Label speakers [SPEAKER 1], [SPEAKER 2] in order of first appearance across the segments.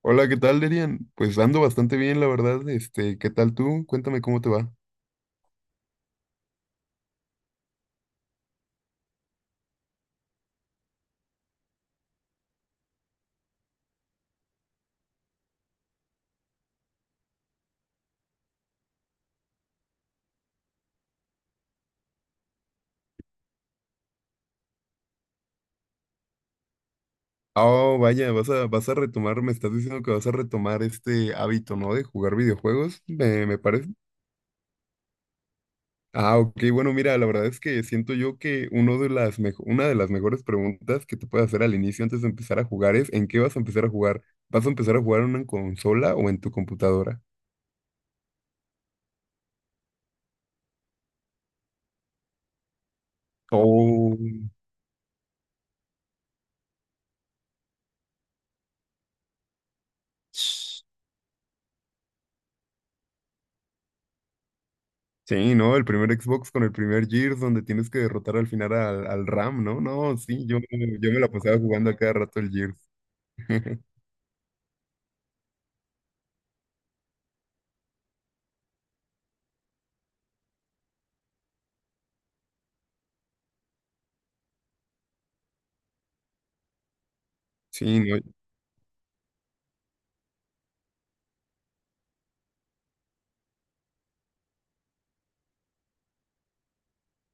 [SPEAKER 1] Hola, ¿qué tal, Derian? Pues ando bastante bien, la verdad. ¿Qué tal tú? Cuéntame cómo te va. Oh, vaya, vas a retomar, me estás diciendo que vas a retomar este hábito, ¿no? De jugar videojuegos, me parece. Ah, ok, bueno, mira, la verdad es que siento yo que uno de las mejo- una de las mejores preguntas que te puedes hacer al inicio antes de empezar a jugar es ¿en qué vas a empezar a jugar? ¿Vas a empezar a jugar en una consola o en tu computadora? Oh. Sí, ¿no? El primer Xbox con el primer Gears donde tienes que derrotar al final al Ram, ¿no? No, sí, yo me la pasaba jugando a cada rato el Gears. Sí, no.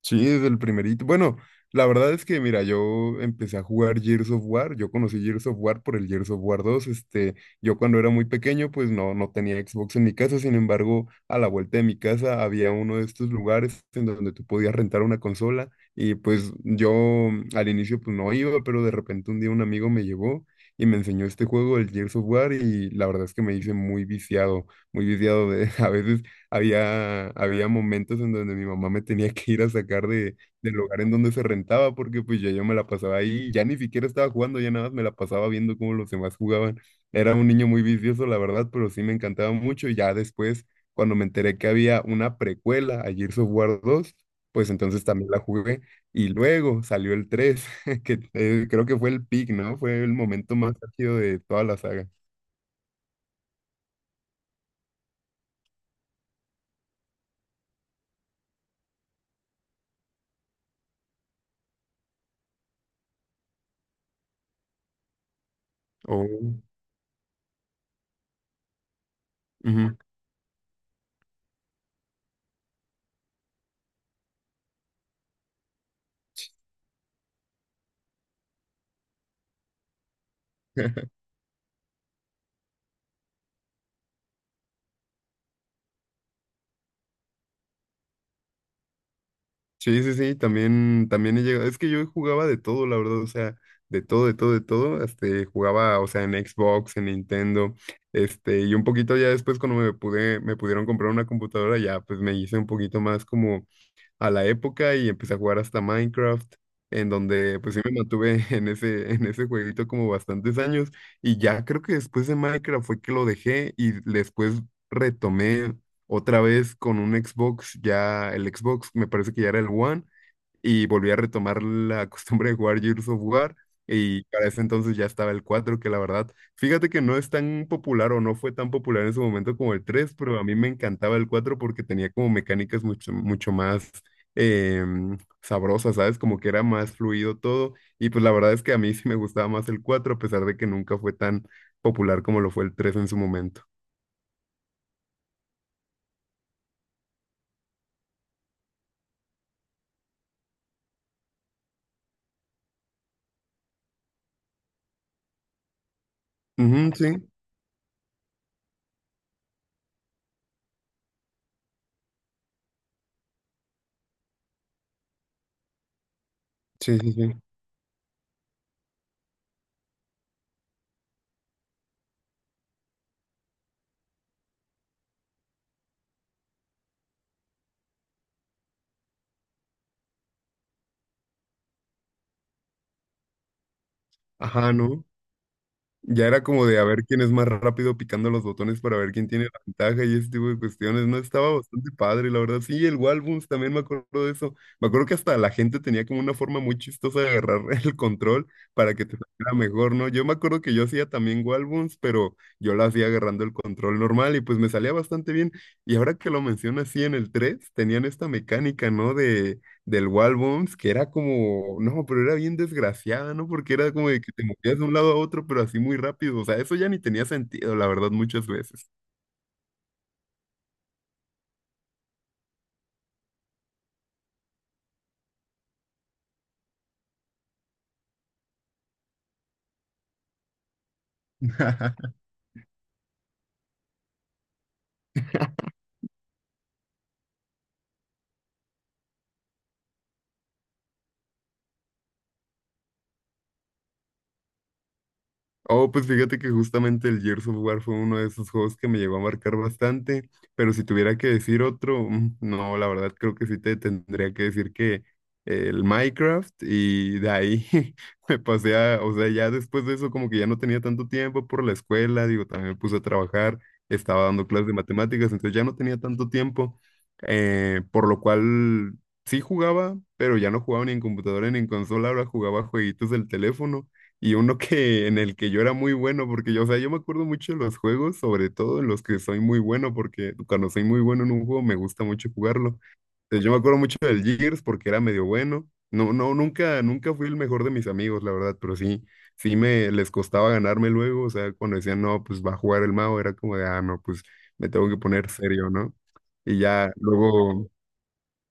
[SPEAKER 1] Sí, desde el primerito. Bueno, la verdad es que, mira, yo empecé a jugar Gears of War. Yo conocí Gears of War por el Gears of War dos. Yo cuando era muy pequeño, no tenía Xbox en mi casa. Sin embargo, a la vuelta de mi casa había uno de estos lugares en donde tú podías rentar una consola. Y pues yo al inicio pues no iba, pero de repente un día un amigo me llevó y me enseñó este juego, el Gears of War, y la verdad es que me hice muy viciado de a veces. Había momentos en donde mi mamá me tenía que ir a sacar del lugar en donde se rentaba, porque pues ya yo me la pasaba ahí, ya ni siquiera estaba jugando, ya nada más me la pasaba viendo cómo los demás jugaban. Era un niño muy vicioso, la verdad, pero sí me encantaba mucho. Y ya después, cuando me enteré que había una precuela a Gears of War dos pues entonces también la jugué. Y luego salió el 3 que creo que fue el peak, ¿no? Fue el momento más ácido de toda la saga. Oh, ujú. Sí, sí, sí, también, también he llegado. Es que yo jugaba de todo, la verdad, o sea, de todo, de todo, de todo. Jugaba, o sea, en Xbox, en Nintendo, y un poquito ya después cuando me pudieron comprar una computadora, ya pues me hice un poquito más como a la época y empecé a jugar hasta Minecraft, en donde pues sí me mantuve en ese jueguito como bastantes años y ya creo que después de Minecraft fue que lo dejé y después retomé otra vez con un Xbox, ya el Xbox me parece que ya era el One y volví a retomar la costumbre de jugar Gears of War. Y para ese entonces ya estaba el 4 que la verdad, fíjate que no es tan popular o no fue tan popular en su momento como el 3 pero a mí me encantaba el 4 porque tenía como mecánicas mucho, mucho más em, sabrosas, ¿sabes? Como que era más fluido todo. Y pues la verdad es que a mí sí me gustaba más el 4 a pesar de que nunca fue tan popular como lo fue el 3 en su momento. Ujú, sí, sí, sí, sí. Ajá, ¿no? Ya era como de a ver quién es más rápido picando los botones para ver quién tiene la ventaja y ese tipo de cuestiones, ¿no? Estaba bastante padre, la verdad. Sí, el Walbums también me acuerdo de eso. Me acuerdo que hasta la gente tenía como una forma muy chistosa de agarrar el control para que te saliera mejor, ¿no? Yo me acuerdo que yo hacía también Walbums, pero yo la hacía agarrando el control normal y pues me salía bastante bien. Y ahora que lo mencionas, sí, en el 3 tenían esta mecánica, ¿no? De del wall bounce que era como, no, pero era bien desgraciada, ¿no? Porque era como de que te movías de un lado a otro, pero así muy rápido. O sea, eso ya ni tenía sentido, la verdad, muchas veces. Oh, pues fíjate que justamente el Gears of War fue uno de esos juegos que me llegó a marcar bastante, pero si tuviera que decir otro, no, la verdad creo que sí te tendría que decir que el Minecraft y de ahí me pasé a, o sea, ya después de eso como que ya no tenía tanto tiempo por la escuela, digo, también me puse a trabajar, estaba dando clases de matemáticas, entonces ya no tenía tanto tiempo, por lo cual sí jugaba, pero ya no jugaba ni en computadora ni en consola, ahora jugaba jueguitos del teléfono. Y uno que en el que yo era muy bueno, porque yo, o sea, yo me acuerdo mucho de los juegos, sobre todo en los que soy muy bueno, porque cuando soy muy bueno en un juego me gusta mucho jugarlo. Entonces, yo me acuerdo mucho del Gears porque era medio bueno. No, no, nunca, nunca fui el mejor de mis amigos, la verdad, pero sí, sí me les costaba ganarme luego. O sea, cuando decían, no, pues va a jugar el mago, era como de, ah, no, pues me tengo que poner serio, ¿no? Y ya luego.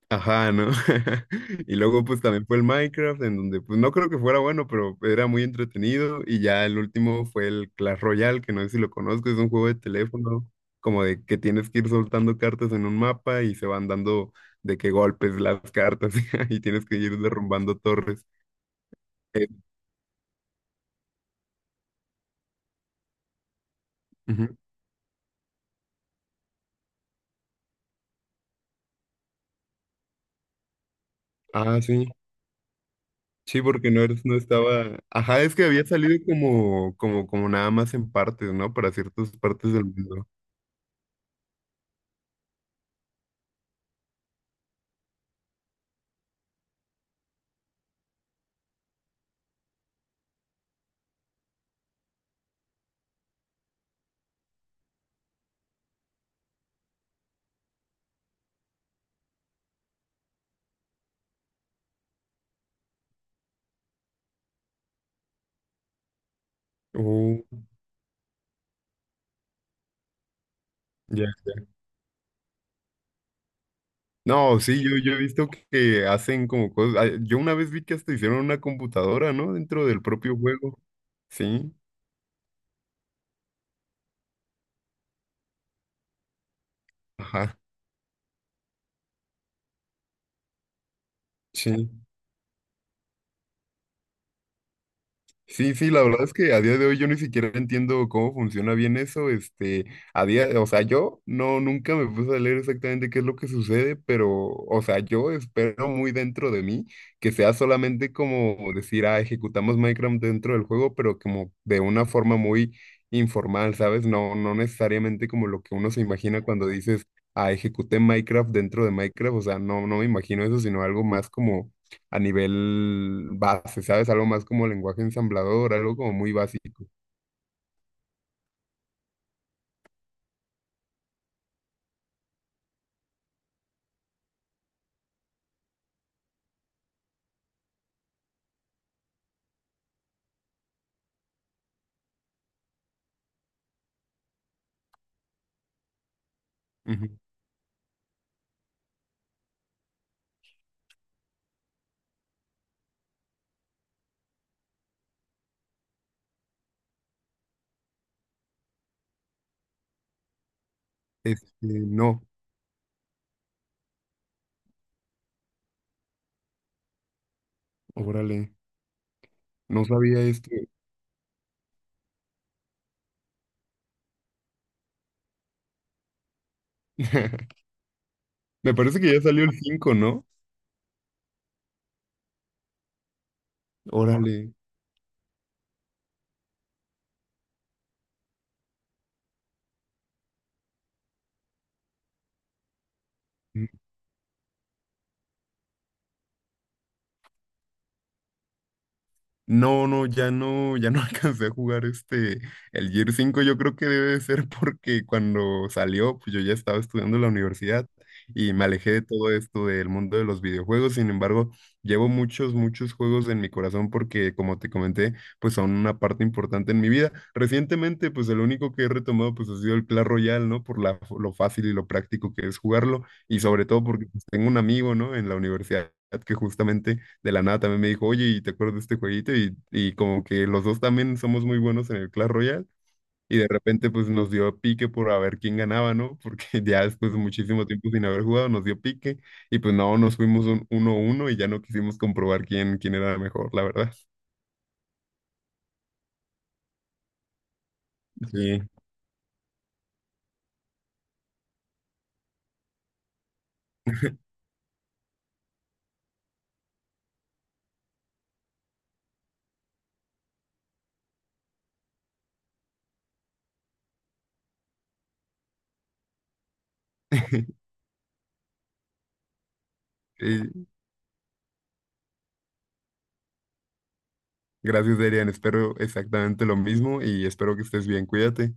[SPEAKER 1] Ajá, ¿no? Y luego pues también fue el Minecraft, en donde pues no creo que fuera bueno, pero era muy entretenido. Y ya el último fue el Clash Royale, que no sé si lo conozco, es un juego de teléfono, como de que tienes que ir soltando cartas en un mapa y se van dando de qué golpes las cartas y tienes que ir derrumbando torres. Eh, ujú. Ah, sí. Sí, porque no eres, no estaba. Ajá, es que había salido como, como, como nada más en partes, ¿no? Para ciertas partes del mundo. Oh, ya. No, sí, yo he visto que hacen como cosas. Ah, yo una vez vi que hasta hicieron una computadora, ¿no? Dentro del propio juego. Sí, ajá, sí. Sí, sí, la verdad es que a día de hoy yo ni siquiera entiendo cómo funciona bien eso, a día, o sea, yo no, nunca me puse a leer exactamente qué es lo que sucede, pero, o sea, yo espero muy dentro de mí que sea solamente como decir, ah, ejecutamos Minecraft dentro del juego, pero como de una forma muy informal, ¿sabes? No, no necesariamente como lo que uno se imagina cuando dices, ah, ejecuté Minecraft dentro de Minecraft, o sea, no, no me imagino eso, sino algo más como a nivel base, ¿sabes? Algo más como lenguaje ensamblador, algo como muy básico. Ujú. No, órale, no sabía esto. Me parece que ya salió el cinco, ¿no? Órale. No, no, ya no, ya no alcancé a jugar el Gear cinco. Yo creo que debe de ser porque cuando salió, pues yo ya estaba estudiando en la universidad y me alejé de todo esto del mundo de los videojuegos. Sin embargo, llevo muchos, muchos juegos en mi corazón porque, como te comenté, pues son una parte importante en mi vida. Recientemente, pues el único que he retomado, pues ha sido el Clash Royale, ¿no? Por la, lo fácil y lo práctico que es jugarlo y sobre todo porque pues, tengo un amigo, ¿no? En la universidad que justamente de la nada también me dijo, oye, ¿y te acuerdas de este jueguito? Y como que los dos también somos muy buenos en el Clash Royale. Y de repente pues nos dio pique por a ver quién ganaba, ¿no? Porque ya después de muchísimo tiempo sin haber jugado nos dio pique y pues no, nos fuimos un 1 uno y ya no quisimos comprobar quién, quién era mejor, la verdad. Sí. Sí, Gracias, Darian. Espero exactamente lo mismo y espero que estés bien. Cuídate.